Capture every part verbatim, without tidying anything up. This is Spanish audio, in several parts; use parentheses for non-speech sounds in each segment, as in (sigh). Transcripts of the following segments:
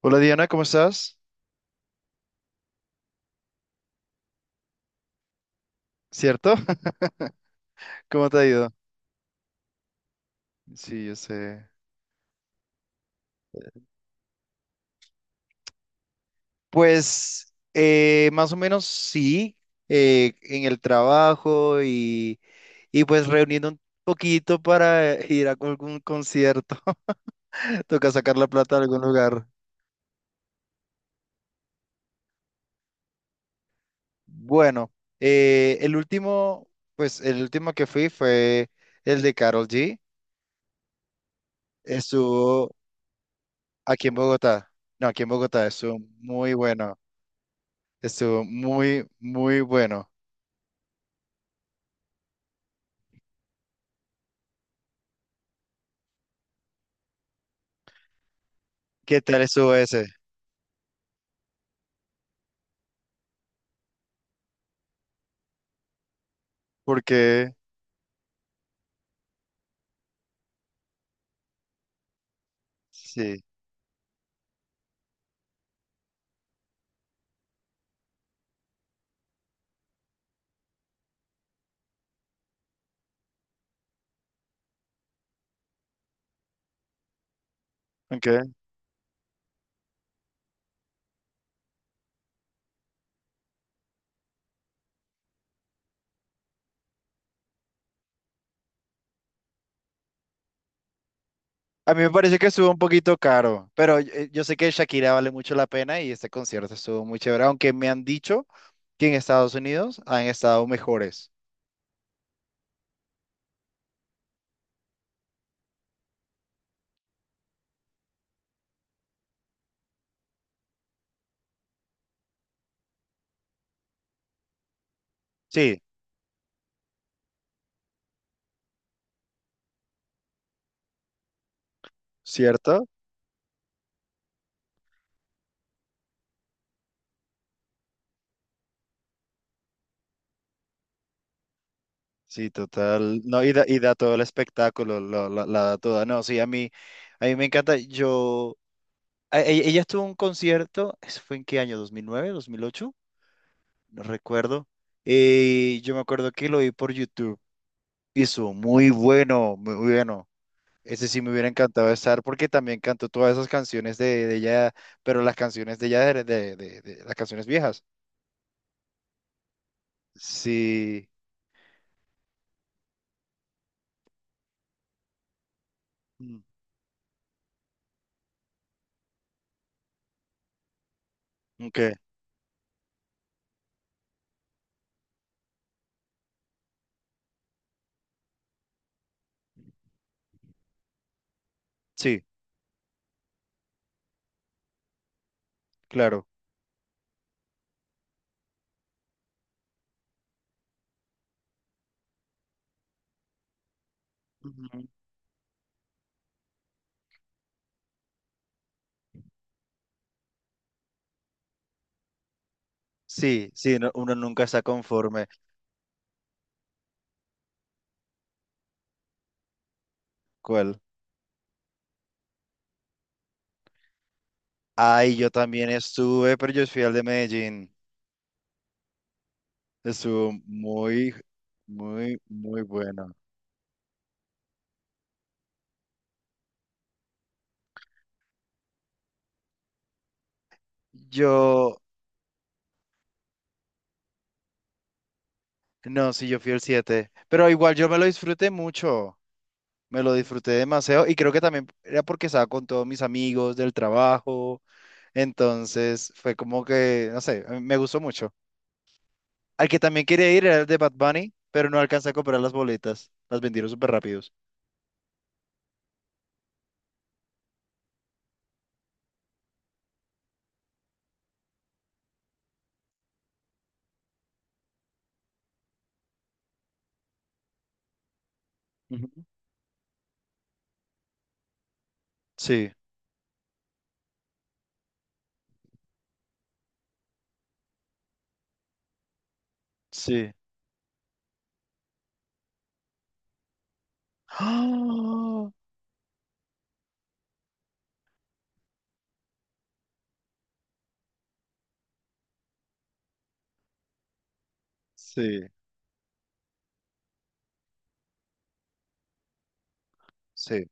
Hola Diana, ¿cómo estás? ¿Cierto? (laughs) ¿Cómo te ha ido? Sí, yo sé. Pues eh, más o menos sí, eh, en el trabajo y, y pues reuniendo un poquito para eh, ir a algún concierto. (laughs) Toca sacar la plata de algún lugar. Bueno, eh, el último, pues el último que fui fue el de Carol G. Estuvo aquí en Bogotá. No, aquí en Bogotá, estuvo muy bueno. Estuvo muy, muy bueno. ¿Qué tal estuvo ese? Porque sí, okay. A mí me parece que estuvo un poquito caro, pero yo, eh, yo sé que Shakira vale mucho la pena y este concierto estuvo muy chévere, aunque me han dicho que en Estados Unidos han estado mejores. Sí, ¿cierto? Sí, total. No, y da, y da todo el espectáculo, lo- la, la da toda. No, sí, a mí, a mí me encanta. Yo, a- e- ella, estuvo en un concierto, ¿eso fue en qué año? Dos dos mil nueve, ¿dos mil ocho? No recuerdo. Y yo me acuerdo que lo vi por YouTube. Eso, muy bueno, muy bueno. Ese sí me hubiera encantado estar porque también cantó todas esas canciones de, de ella, pero las canciones de ella, de, de- de- de las canciones viejas. Sí. Mm. Ok, sí, claro. Ujú. Sí, sí, no- uno nunca está conforme. ¿Cuál? Ay, yo también estuve, pero yo fui al de Medellín. Estuvo muy, muy, muy bueno. Yo, no, sí, yo fui el siete, pero igual yo me lo disfruté mucho. Me lo disfruté demasiado y creo que también era porque estaba con todos mis amigos del trabajo, entonces fue como que, no sé, a mí me gustó mucho. Al que también quería ir era el de Bad Bunny, pero no alcancé a comprar las boletas, las vendieron súper rápidos. Ujú. Sí, sí. ¡Ah! Sí, sí.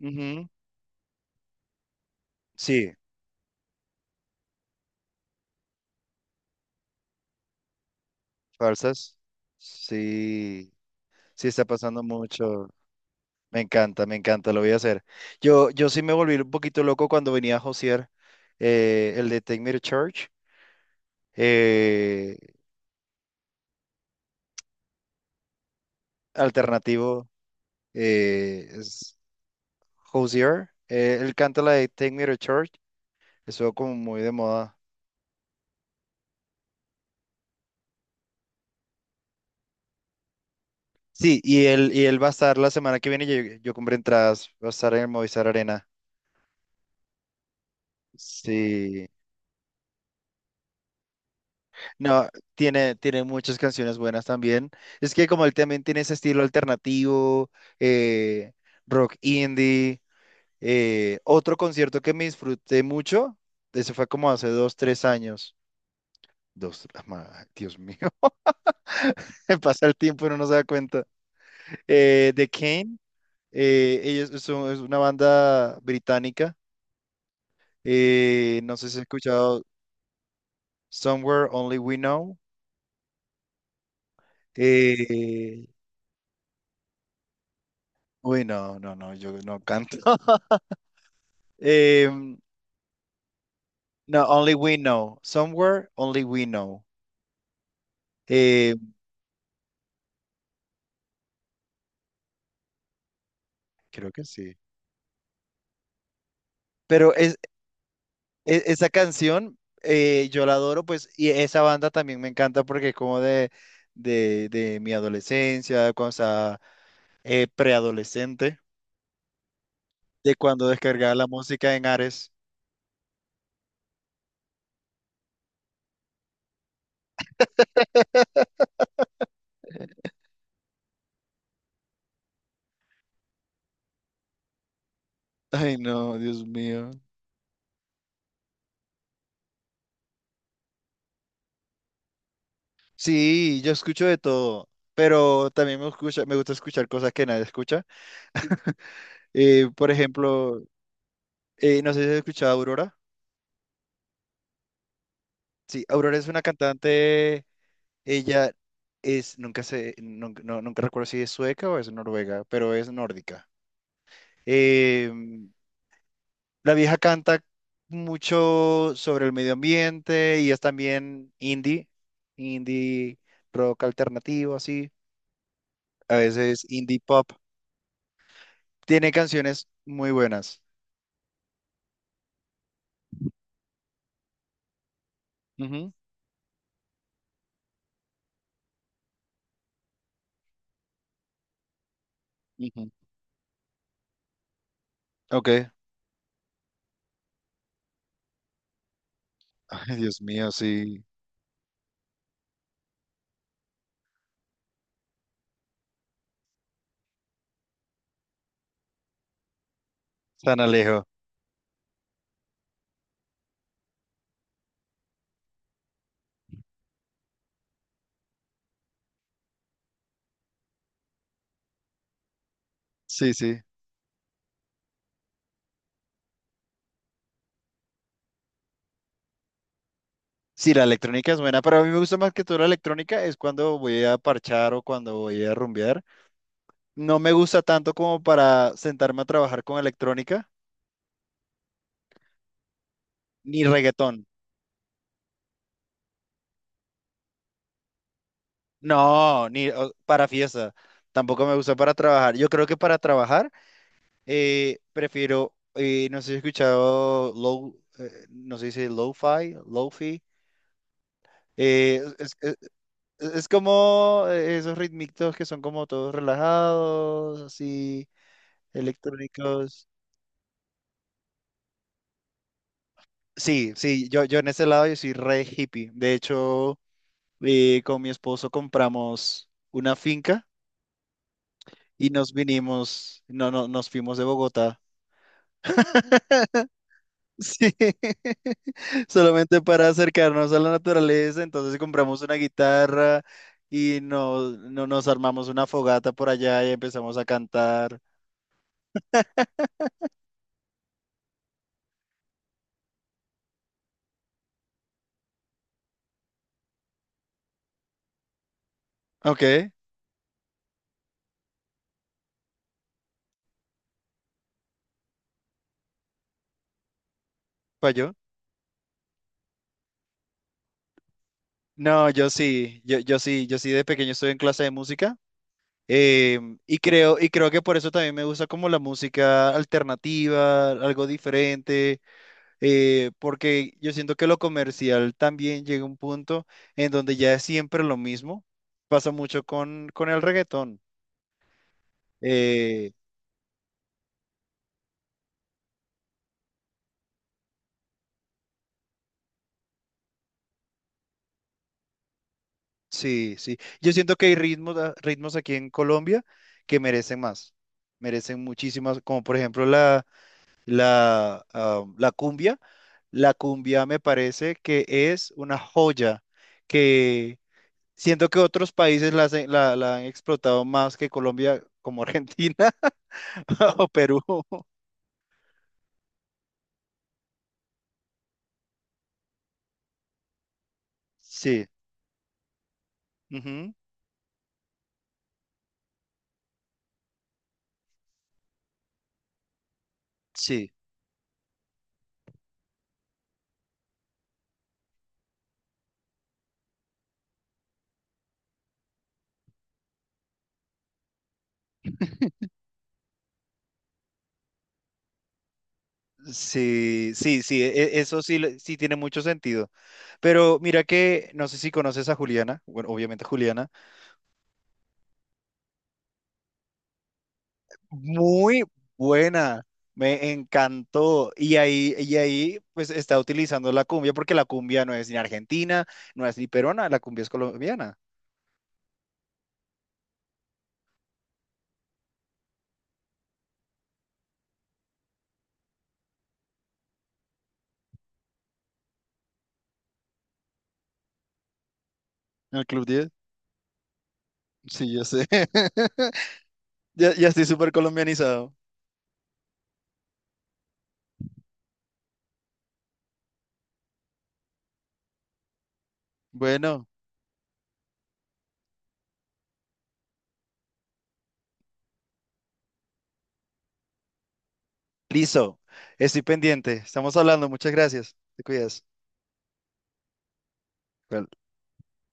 Ujú. Sí, falsas. Sí, sí está pasando mucho. Me encanta, me encanta, lo voy a hacer. Yo, yo sí me volví un poquito loco cuando venía a Josier, eh, el de Take Me to Church, eh, alternativo, eh, es Hozier. Eh, él canta la de Take Me to Church, eso como muy de moda. Sí, y él, y él va a estar la semana que viene, yo, yo compré entradas, va a estar en el Movistar Arena. Sí, no, tiene, tiene muchas canciones buenas también. Es que como él también tiene ese estilo alternativo, eh, rock indie. Eh, otro concierto que me disfruté mucho, eso fue como hace dos, tres años. Dos, ah, ma- Dios mío, (laughs) pasa el tiempo y uno no se da cuenta. Eh, The Kane, eh, ellos son, es una banda británica. Eh, no sé si has escuchado Somewhere Only We Know. eh, Uy, no, no, no, yo no canto. (laughs) Em, no, Only We Know. Somewhere Only We Know. eh, Creo que sí. Pero es, e- esa canción, eh, yo la adoro, pues, y esa banda también me encanta porque es como de, de, de mi adolescencia, cuando estaba eh, preadolescente, de cuando descargaba la música en Ares. (laughs) Ay, no, Dios mío. Sí, yo escucho de todo, pero también me escucha, me gusta escuchar cosas que nadie escucha. Eh, por ejemplo, eh, no sé si has escuchado a Aurora. Sí, Aurora es una cantante, ella es, nunca sé, nunca, no- nunca recuerdo si es sueca o es noruega, pero es nórdica. Eh, la vieja canta mucho sobre el medio ambiente y es también indie, indie rock alternativo, así, a veces indie pop. Tiene canciones muy buenas. Ujú, ujú. Ok. Ay, Dios mío, sí. San Alejo. Sí, sí. Sí, la electrónica es buena, pero a mí me gusta más que todo la electrónica es cuando voy a parchar o cuando voy a rumbear. No me gusta tanto como para sentarme a trabajar con electrónica, ni reggaetón. No, ni o- para fiesta. Tampoco me gusta para trabajar. Yo creo que para trabajar eh, prefiero, eh, no sé si he escuchado low, eh, no sé si dice lo-fi, lo-fi. eh, es, es- es es como eh, esos ritmitos que son como todos relajados, así, electrónicos. Sí, sí, yo, yo en ese lado yo soy re hippie. De hecho, eh, con mi esposo compramos una finca y nos vinimos, no, no, nos fuimos de Bogotá. Sí, (laughs) solamente para acercarnos a la naturaleza, entonces compramos una guitarra y nos, no- nos armamos una fogata por allá y empezamos a cantar. Ok, falló. No, yo sí, yo, yo sí, yo sí de pequeño estuve en clase de música, em, y creo, y creo que por eso también me gusta como la música alternativa, algo diferente. Eh, porque yo siento que lo comercial también llega a un punto en donde ya es siempre lo mismo. Pasa mucho con, con el reggaetón. Eh, sí, sí. Yo siento que hay ritmos, a- ritmos aquí en Colombia que merecen más. Merecen muchísimas, como por ejemplo la, la, ah, la cumbia. La cumbia me parece que es una joya que siento que otros países la, hacen- la la han explotado más que Colombia, como Argentina (laughs) o Perú. Sí, ujú, sí, sí, sí, sí, e- eso sí, le- sí tiene mucho sentido. Pero mira que, no sé si conoces a Juliana, bueno, obviamente Juliana, muy buena, me encantó. Y ahí, y ahí, pues está utilizando la cumbia, porque la cumbia no es ni argentina, no es ni peruana, la cumbia es colombiana. ¿El Club Diez? Sí, yo sé. (laughs) Ya, ya estoy súper colombianizado. Bueno, listo, estoy pendiente, estamos hablando, muchas gracias, te cuidas.